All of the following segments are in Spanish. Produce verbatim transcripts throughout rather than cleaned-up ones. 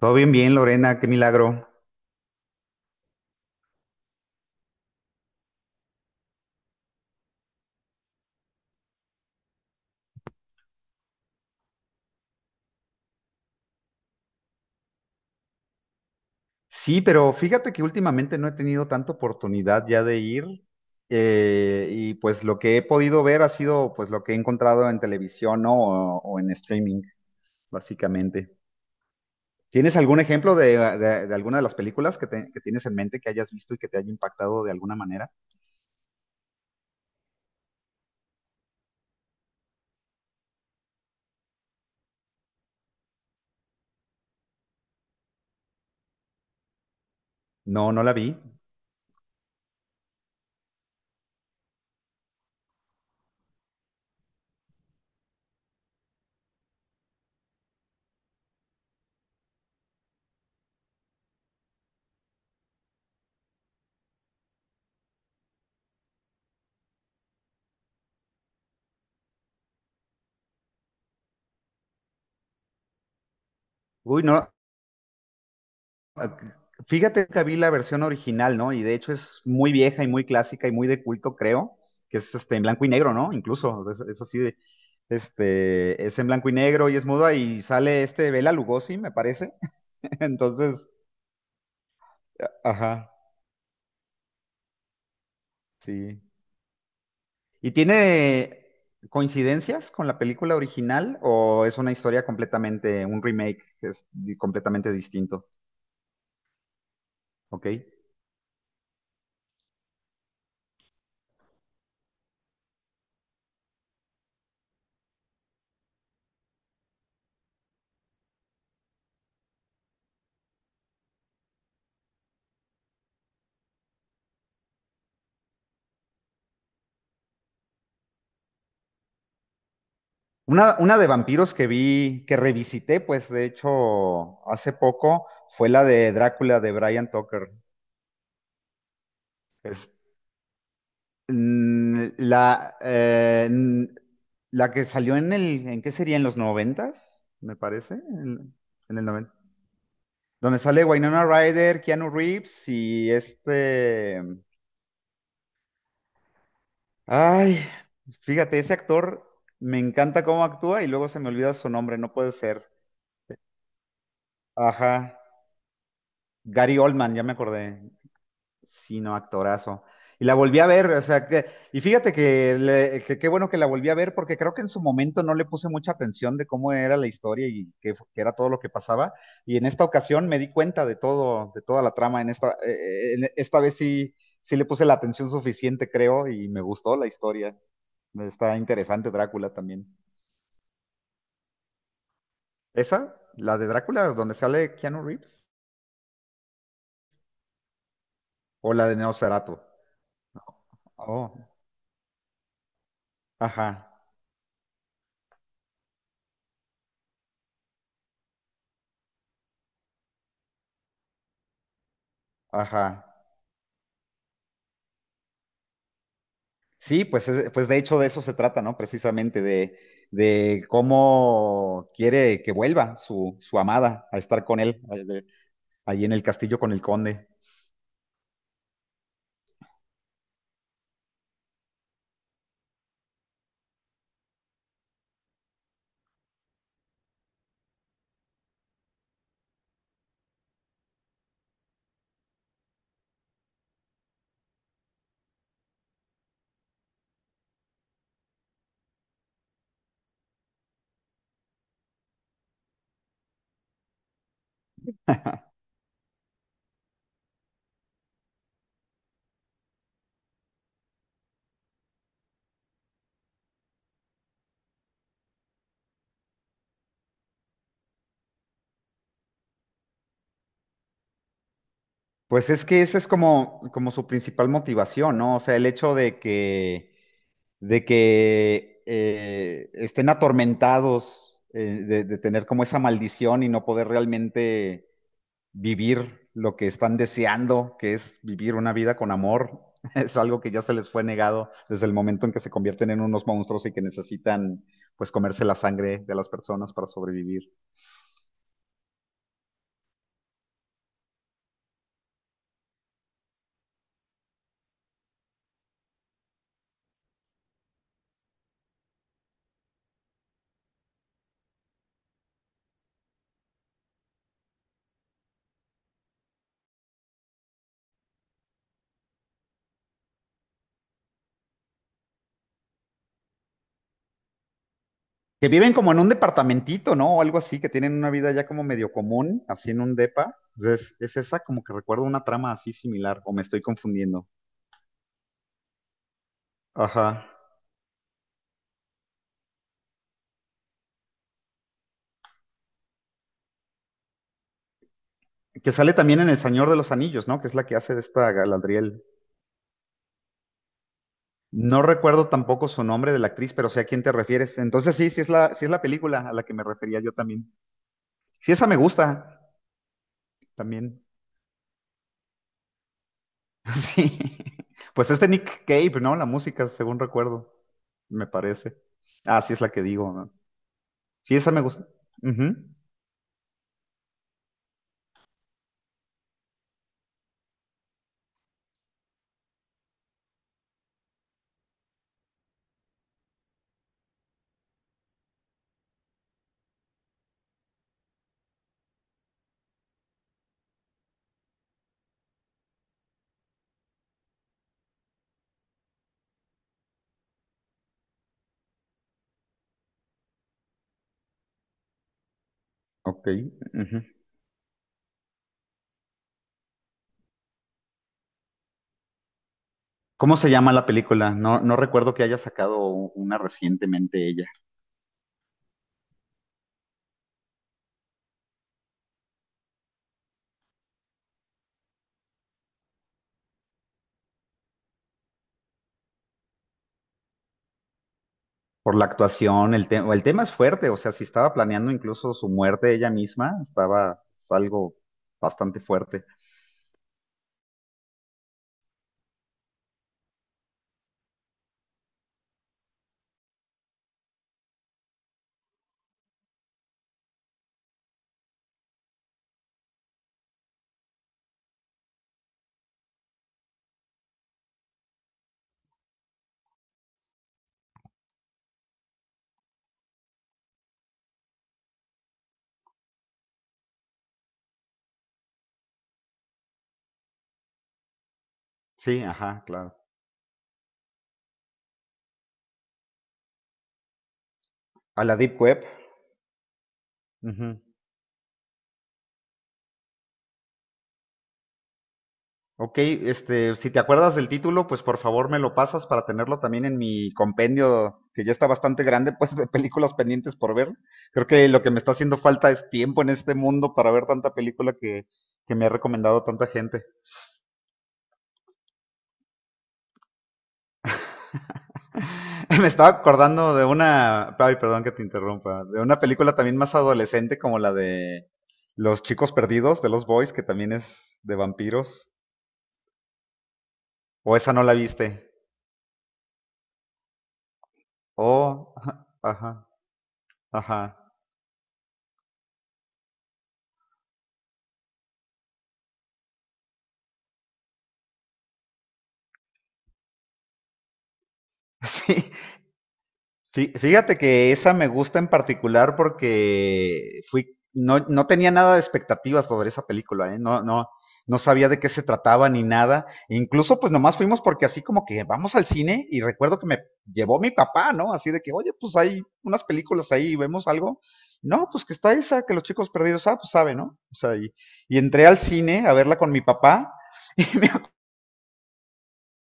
Todo bien, bien, Lorena, qué milagro. Sí, pero fíjate que últimamente no he tenido tanta oportunidad ya de ir eh, y pues lo que he podido ver ha sido pues lo que he encontrado en televisión, ¿no? O, o en streaming, básicamente. ¿Tienes algún ejemplo de, de- de alguna de las películas que, te- que tienes en mente que hayas visto y que te haya impactado de alguna manera? No, no la vi. Uy, no. Ah. Fíjate que vi la versión original, ¿no? Y de hecho es muy vieja y muy clásica y muy de culto, creo, que es este en blanco y negro, ¿no? Incluso es, es así de, este, es en blanco y negro y es muda y sale este Bela Lugosi, me parece. Entonces, ajá, sí. ¿Y tiene coincidencias con la película original o es una historia completamente, un remake que es di- completamente distinto? ¿Ok? Una, una de vampiros que vi, que revisité, pues de hecho hace poco, fue la de Drácula de Brian Tucker. Es, mm, la, eh, mm, la que salió en el, ¿en qué sería? ¿En los noventas? Me parece, en, en el noventa. Donde sale Winona Ryder, Keanu Reeves y este... Ay, fíjate, ese actor me encanta cómo actúa y luego se me olvida su nombre, no puede ser. Ajá, Gary Oldman, ya me acordé. Sí, no, actorazo. Y la volví a ver, o sea, que, y fíjate que le- que qué bueno que la volví a ver porque creo que en su momento no le puse mucha atención de cómo era la historia y qué, fu- qué era todo lo que pasaba. Y en esta ocasión me di cuenta de todo, de toda la trama. En esta, eh, en esta vez sí, sí le puse la atención suficiente, creo, y me gustó la historia. Está interesante Drácula también. ¿Esa? ¿La de Drácula donde sale Keanu Reeves? ¿O la de Neosferatu? Oh, ajá, ajá. Sí, pues, es- pues de hecho de eso se trata, ¿no? Precisamente de, de cómo quiere que vuelva su, su amada a estar con él, eh, de- ahí en el castillo con el conde. Pues es que esa es como, como su principal motivación, ¿no? O sea, el hecho de que, de que eh, estén atormentados eh, de, de tener como esa maldición y no poder realmente vivir lo que están deseando, que es vivir una vida con amor, es algo que ya se les fue negado desde el momento en que se convierten en unos monstruos y que necesitan pues comerse la sangre de las personas para sobrevivir. Que viven como en un departamentito, ¿no? O algo así, que tienen una vida ya como medio común, así en un depa. Entonces, es esa como que recuerdo una trama así similar, o me estoy confundiendo. Ajá. Que sale también en El Señor de los Anillos, ¿no? Que es la que hace de esta Galadriel. No recuerdo tampoco su nombre de la actriz, pero sé a quién te refieres. Entonces sí, sí es la, sí es la película a la que me refería yo también. Sí, esa me gusta también. Sí. Pues es de Nick Cave, ¿no? La música, según recuerdo, me parece. Ah, sí es la que digo, ¿no? Sí, esa me gusta. Ujú. Ok. Ujú. ¿Cómo se llama la película? No, no recuerdo que haya sacado una recientemente ella. Por la actuación, el tema, el tema es fuerte, o sea, si estaba planeando incluso su muerte ella misma, estaba, es algo bastante fuerte. Sí, ajá, claro. A la Deep Web. Ujú. Ok, este, si te acuerdas del título, pues por favor me lo pasas para tenerlo también en mi compendio, que ya está bastante grande, pues, de películas pendientes por ver. Creo que lo que me está haciendo falta es tiempo en este mundo para ver tanta película que, que me ha recomendado tanta gente. Me estaba acordando de una, ay, perdón que te interrumpa, de una película también más adolescente como la de Los chicos perdidos de los Boys, que también es de vampiros. O esa no la viste. Oh, ajá, ajá. Sí. Fí- Fíjate que esa me gusta en particular porque fui, no, no tenía nada de expectativas sobre esa película, ¿eh? No, no, no sabía de qué se trataba ni nada. E incluso, pues nomás fuimos porque así como que vamos al cine y recuerdo que me llevó mi papá, ¿no? Así de que, oye, pues hay unas películas ahí, vemos algo. No, pues que está esa, que los chicos perdidos, ah, pues sabe, ¿no? O sea, y, y entré al cine a verla con mi papá y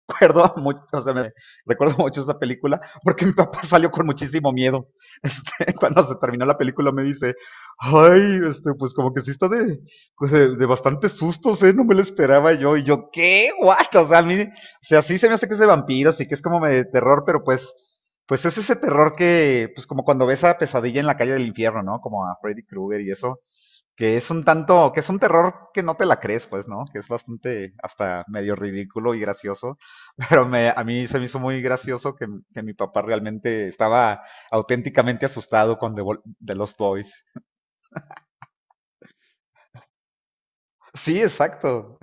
acuerdo mucho, o sea, me recuerdo mucho esa película porque mi papá salió con muchísimo miedo. Este, cuando se terminó la película me dice, ay, este, pues como que sí está de, pues de, de bastantes sustos, ¿eh? No me lo esperaba yo. Y yo, ¿qué? ¿What? O sea, a mí, o sea, sí se me hace que es de vampiros y que es como de terror, pero pues, pues es ese terror que, pues como cuando ves a Pesadilla en la calle del infierno, ¿no? Como a Freddy Krueger y eso que es un tanto, que es un terror que no te la crees, pues, ¿no? Que es bastante hasta medio ridículo y gracioso, pero me, a mí se me hizo muy gracioso que, que mi papá realmente estaba auténticamente asustado con The, Vol- The Lost Boys. Sí, exacto.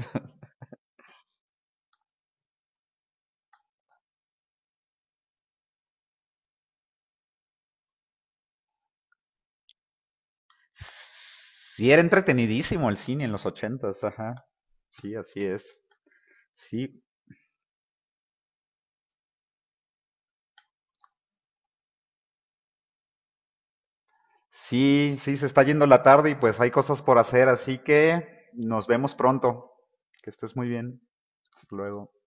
Sí, era entretenidísimo el cine en los ochentas, ajá. Sí, así es. Sí, sí, sí, se está yendo la tarde y pues hay cosas por hacer, así que nos vemos pronto. Que estés muy bien. Hasta luego.